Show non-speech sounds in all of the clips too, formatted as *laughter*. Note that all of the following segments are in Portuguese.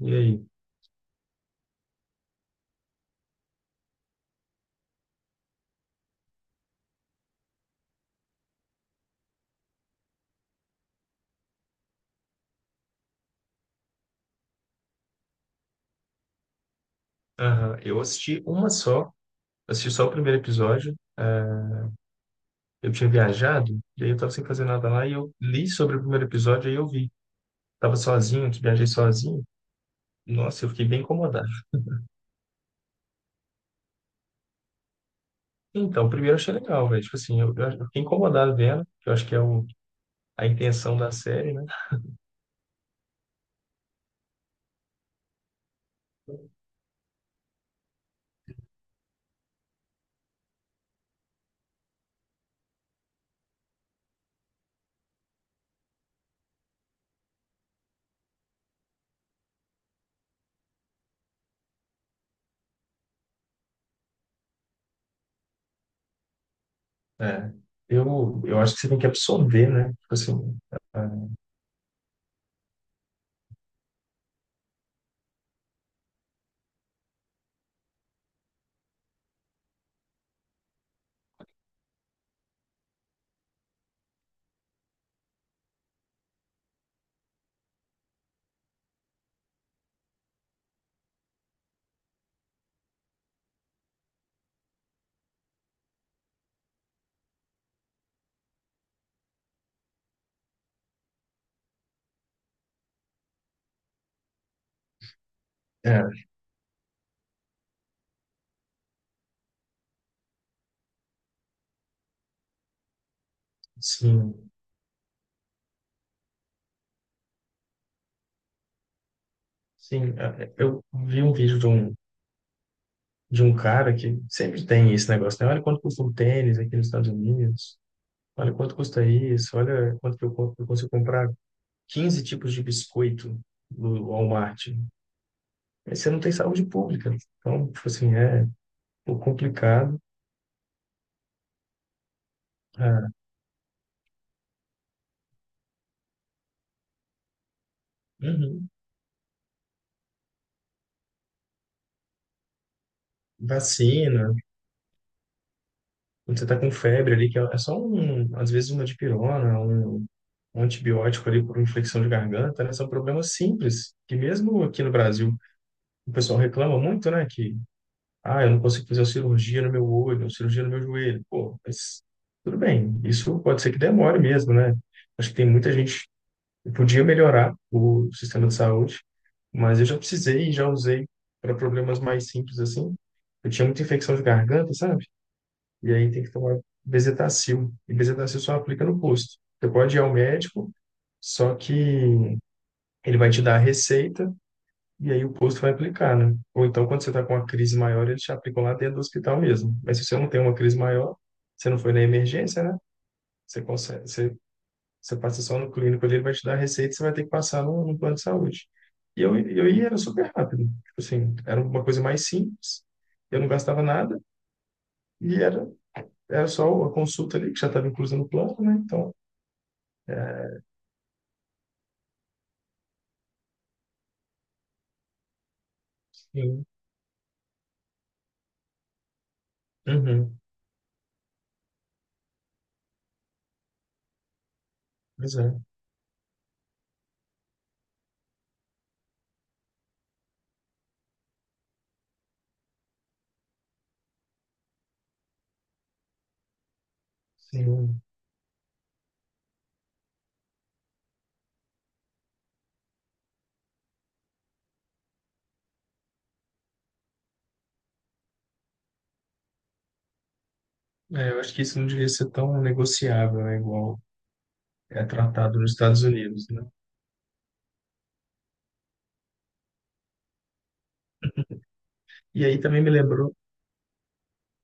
E aí? Aham, eu assisti uma só, assisti só o primeiro episódio. Eu tinha viajado, e aí eu tava sem fazer nada lá, e eu li sobre o primeiro episódio, aí eu vi. Tava sozinho, que viajei sozinho. Nossa, eu fiquei bem incomodado. Então, o primeiro eu achei legal, velho. Tipo assim, eu fiquei incomodado vendo, que eu acho que é o, a intenção da série, né? É. Eu acho que você tem que absorver, né? Tipo assim, é, é, sim, sim. Eu vi um vídeo de um cara que sempre tem esse negócio, né? Olha quanto custa um tênis aqui nos Estados Unidos, olha quanto custa isso, olha quanto que eu, eu consigo comprar 15 tipos de biscoito no Walmart. Aí você não tem saúde pública. Então, tipo assim, é um pouco complicado. Ah, uhum. Vacina, quando você tá com febre ali, que é só um, às vezes uma dipirona, um antibiótico ali por infecção de garganta, né? São problemas simples, que mesmo aqui no Brasil o pessoal reclama muito, né? Que ah, eu não consigo fazer a cirurgia no meu olho, a cirurgia no meu joelho. Pô, mas tudo bem, isso pode ser que demore mesmo, né? Acho que tem muita gente que podia melhorar o sistema de saúde, mas eu já precisei e já usei para problemas mais simples assim. Eu tinha muita infecção de garganta, sabe? E aí tem que tomar Bezetacil. E Bezetacil só aplica no posto. Você pode ir ao médico, só que ele vai te dar a receita e aí o posto vai aplicar, né? Ou então, quando você está com uma crise maior, eles te aplicam lá dentro do hospital mesmo. Mas se você não tem uma crise maior, você não foi na emergência, né? Você consegue, você, você passa só no clínico ali, ele vai te dar a receita e você vai ter que passar no plano de saúde. E eu ia, era super rápido. Tipo assim, era uma coisa mais simples, eu não gastava nada e era, era só a consulta ali, que já estava inclusa no plano, né? Então, sim. Uhum. Pois é. Sim. É, eu acho que isso não devia ser tão negociável, né? Igual é tratado nos Estados Unidos, né? E aí também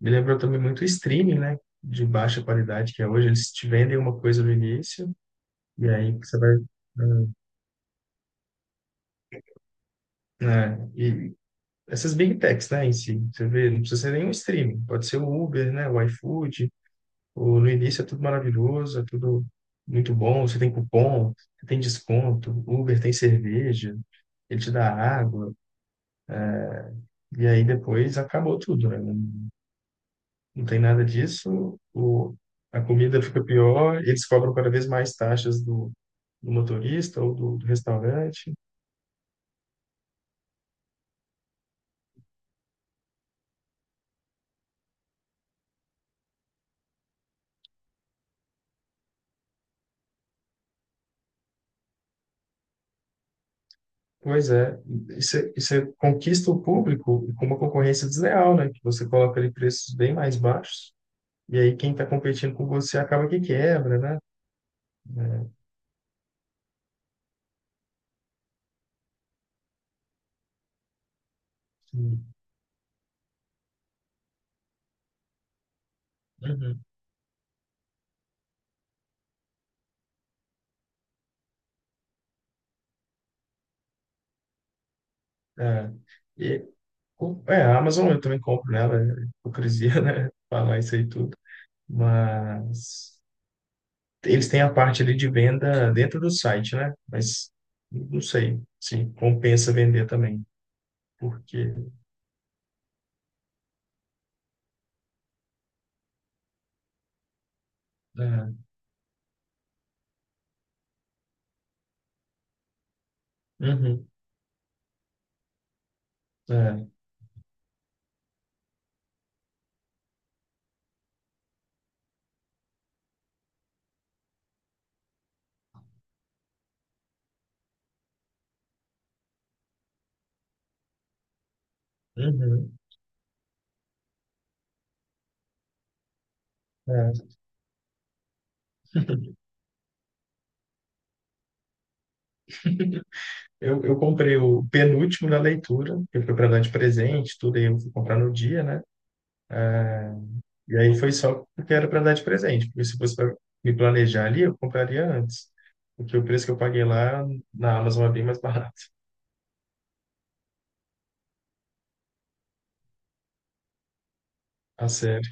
me lembrou também muito o streaming, né? De baixa qualidade que é hoje, eles te vendem uma coisa no início e aí você vai, né? Né, E essas big techs, né? Em si, você vê, não precisa ser nenhum streaming, pode ser o Uber, né? O iFood, o, no início é tudo maravilhoso, é tudo muito bom, você tem cupom, você tem desconto, Uber tem cerveja, ele te dá água e aí depois acabou tudo, né? Não tem nada disso, o, a comida fica pior, eles cobram cada vez mais taxas do, do motorista ou do, do restaurante. Pois é, e você conquista o público com uma concorrência desleal, né? Que você coloca ali preços bem mais baixos, e aí quem está competindo com você acaba que quebra, né? Sim. Uhum. É. E, é, a Amazon eu também compro nela, é hipocrisia, *laughs* né? Falar isso aí tudo. Mas eles têm a parte ali de venda dentro do site, né? Mas não sei se compensa vender também, porque. É, uhum, é, uhum, é. Eu comprei o penúltimo na leitura, que foi para dar de presente, tudo aí eu fui comprar no dia, né? E aí foi só porque era para dar de presente, porque se fosse para me planejar ali, eu compraria antes. Porque o preço que eu paguei lá na Amazon é bem mais barato, a sério.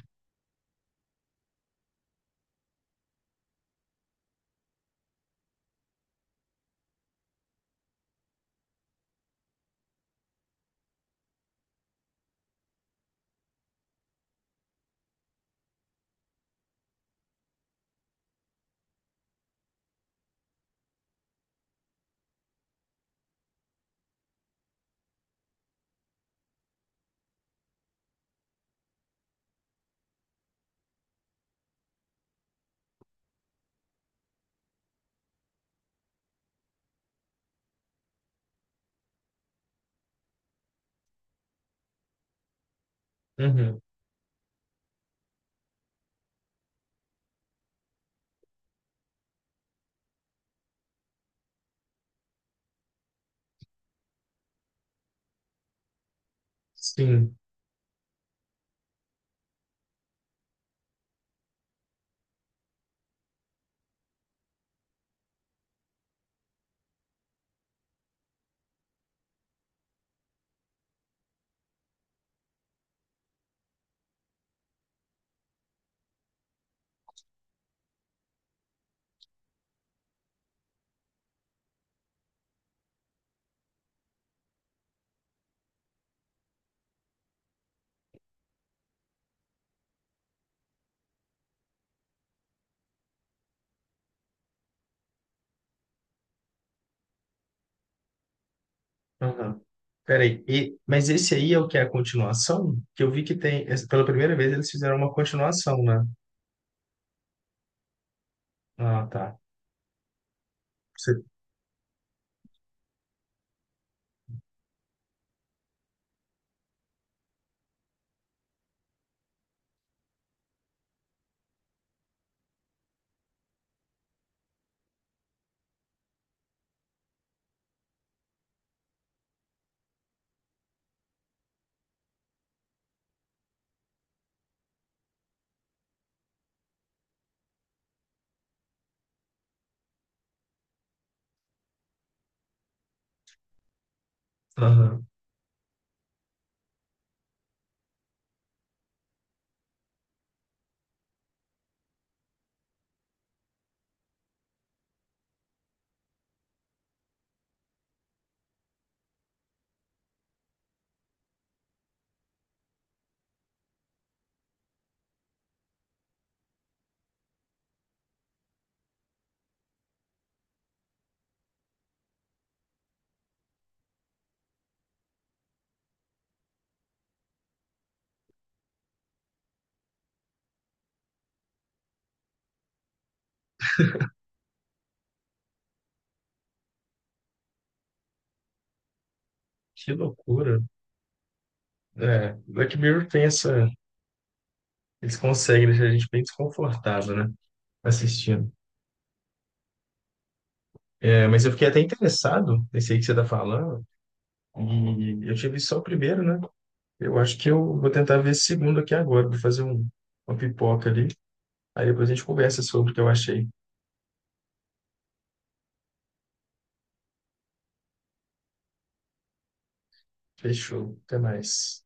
Uhum, sim. Aham. Peraí, e, mas esse aí é o que é a continuação? Que eu vi que tem, pela primeira vez eles fizeram uma continuação, né? Ah, tá. Você, aham. Que loucura. É, Black Mirror tem essa, eles conseguem deixar a gente bem desconfortável, né? Assistindo. É, mas eu fiquei até interessado nesse aí que você tá falando, e eu tive só o primeiro, né? Eu acho que eu vou tentar ver esse segundo aqui agora, vou fazer um, uma pipoca ali, aí depois a gente conversa sobre o que eu achei. Fechou, até mais.